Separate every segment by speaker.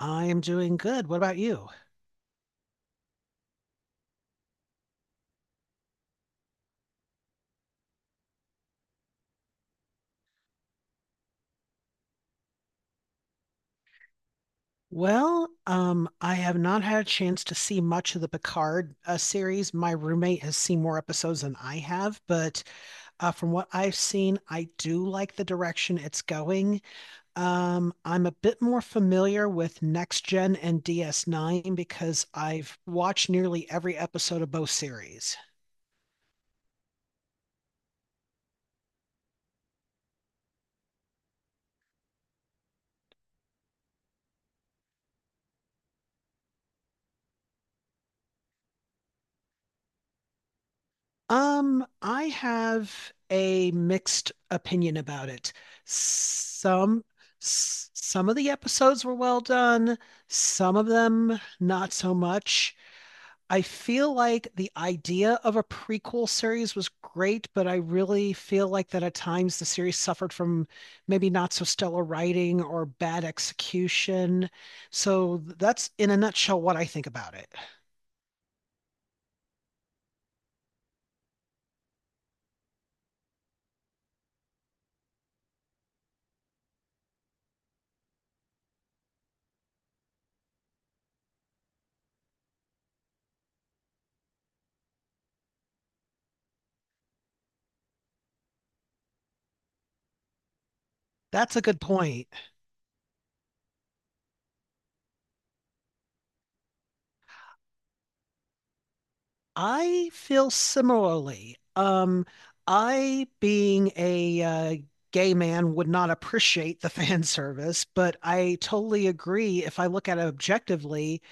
Speaker 1: I am doing good. What about you? Well, I have not had a chance to see much of the Picard series. My roommate has seen more episodes than I have, but from what I've seen, I do like the direction it's going. I'm a bit more familiar with Next Gen and DS9 because I've watched nearly every episode of both series. I have a mixed opinion about it. Some some of the episodes were well done, some of them not so much. I feel like the idea of a prequel series was great, but I really feel like that at times the series suffered from maybe not so stellar writing or bad execution. So that's in a nutshell what I think about it. That's a good point. I feel similarly. I, being a gay man, would not appreciate the fan service, but I totally agree. If I look at it objectively,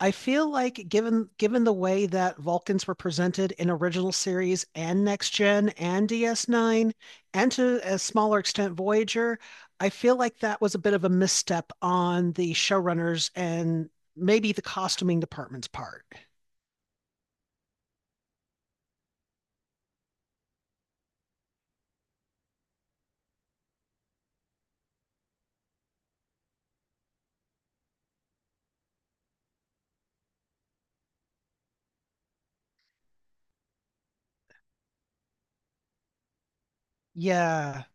Speaker 1: I feel like given the way that Vulcans were presented in original series and Next Gen and DS9, and to a smaller extent Voyager, I feel like that was a bit of a misstep on the showrunners and maybe the costuming department's part. Yeah.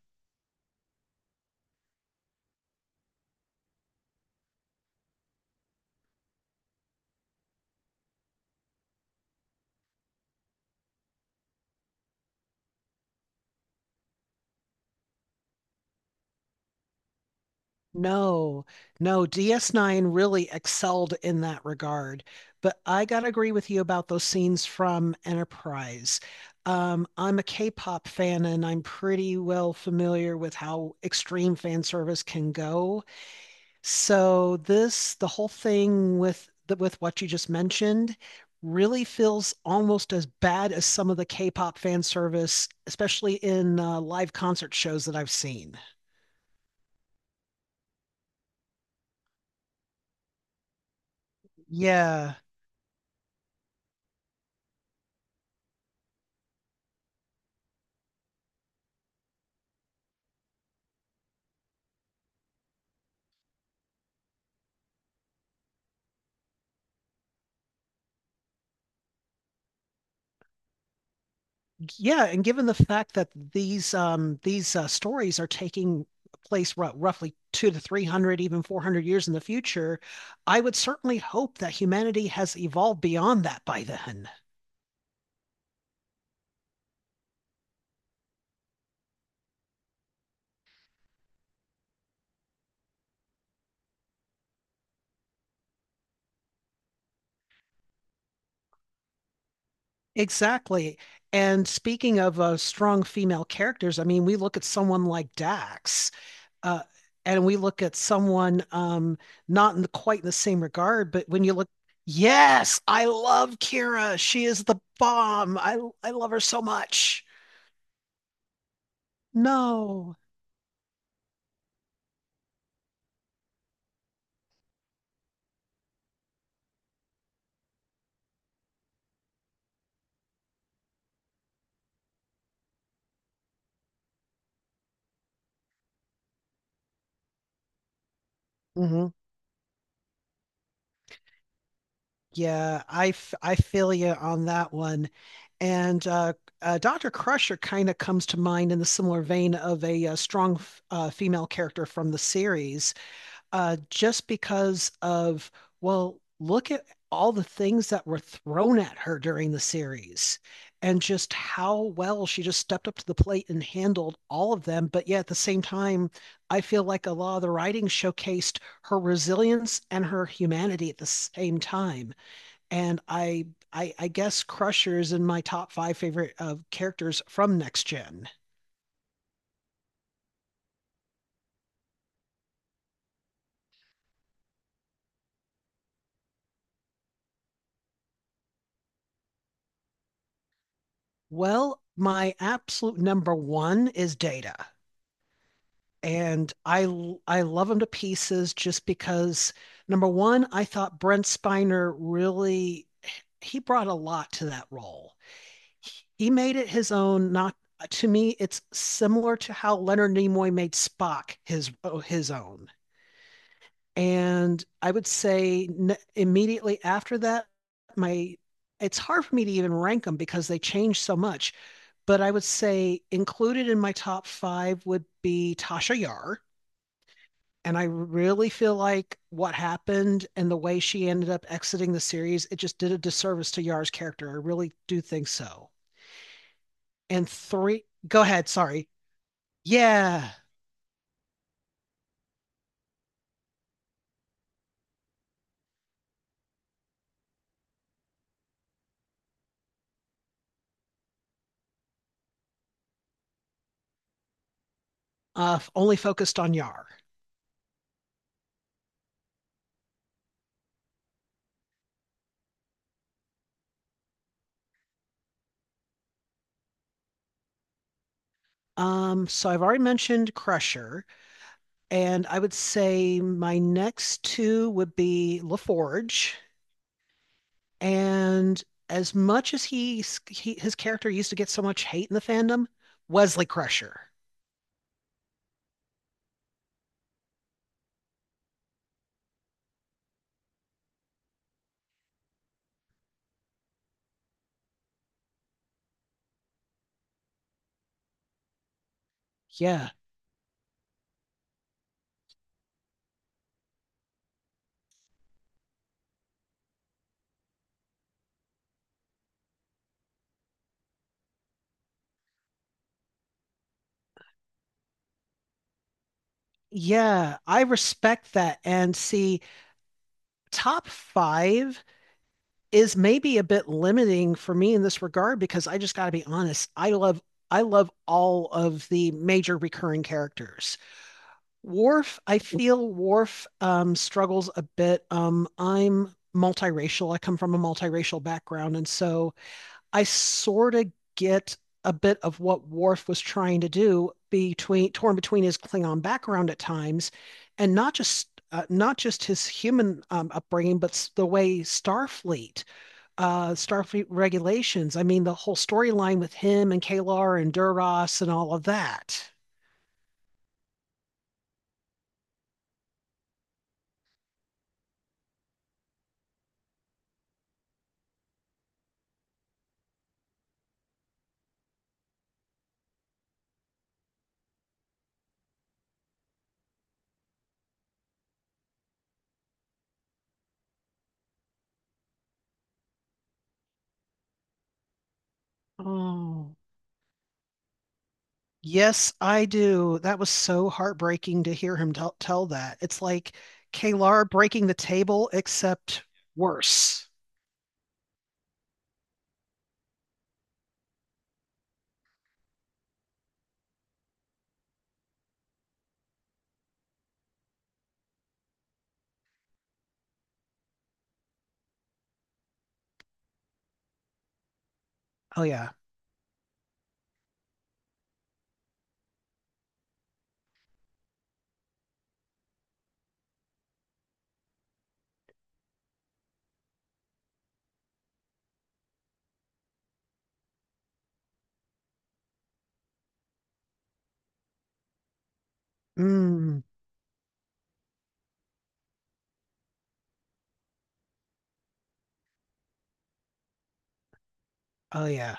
Speaker 1: No, no, DS9 really excelled in that regard. But I gotta agree with you about those scenes from Enterprise. I'm a K-pop fan and I'm pretty well familiar with how extreme fan service can go. So the whole thing with with what you just mentioned, really feels almost as bad as some of the K-pop fan service, especially in live concert shows that I've seen. Yeah. Yeah, and given the fact that these stories are taking place roughly two to three hundred, even 400 years in the future, I would certainly hope that humanity has evolved beyond that by then. Exactly. And speaking of strong female characters, I mean, we look at someone like Dax, uh, and we look at someone not in quite in the same regard, but when you look, yes, I love Kira. She is the bomb. I love her so much. No. Hmm. I feel you on that one. And Dr. Crusher kind of comes to mind in the similar vein of a female character from the series. Just because well, look at all the things that were thrown at her during the series and just how well she just stepped up to the plate and handled all of them. But yet at the same time, I feel like a lot of the writing showcased her resilience and her humanity at the same time. And I, I guess Crusher is in my top five favorite characters from Next Gen. Well, my absolute number one is Data. And I love him to pieces just because number one, I thought Brent Spiner really he brought a lot to that role. He made it his own. Not to me, it's similar to how Leonard Nimoy made Spock his own. And I would say immediately after that, my it's hard for me to even rank them because they change so much. But I would say included in my top five would be Tasha Yar and I really feel like what happened and the way she ended up exiting the series, it just did a disservice to Yar's character. I really do think so. And three, go ahead. Sorry. Yeah. Only focused on Yar. So I've already mentioned Crusher, and I would say my next two would be LaForge. And as much as He his character used to get so much hate in the fandom, Wesley Crusher. Yeah. Yeah, I respect that. And see, top five is maybe a bit limiting for me in this regard because I just got to be honest. I love all of the major recurring characters. Worf, I feel Worf struggles a bit. I'm multiracial. I come from a multiracial background, and so I sort of get a bit of what Worf was trying to do between torn between his Klingon background at times, and not just not just his human upbringing, but the way Starfleet regulations. I mean, the whole storyline with him and Kalar and Duras and all of that. Oh, yes, I do. That was so heartbreaking to hear him tell that. It's like Kalar breaking the table, except worse. Oh yeah. Mm, oh yeah.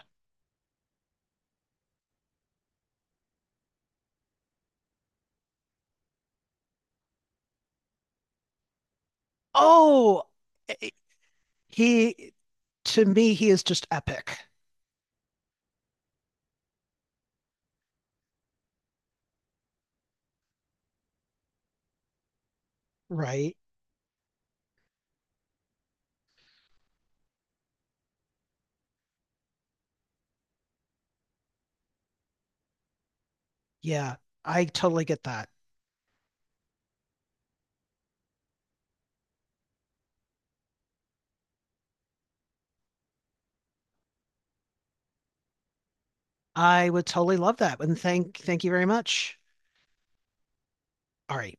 Speaker 1: Oh, eh, eh, he to me he is just epic, right? Yeah, I totally get that. I would totally love that. And thank you very much. All right.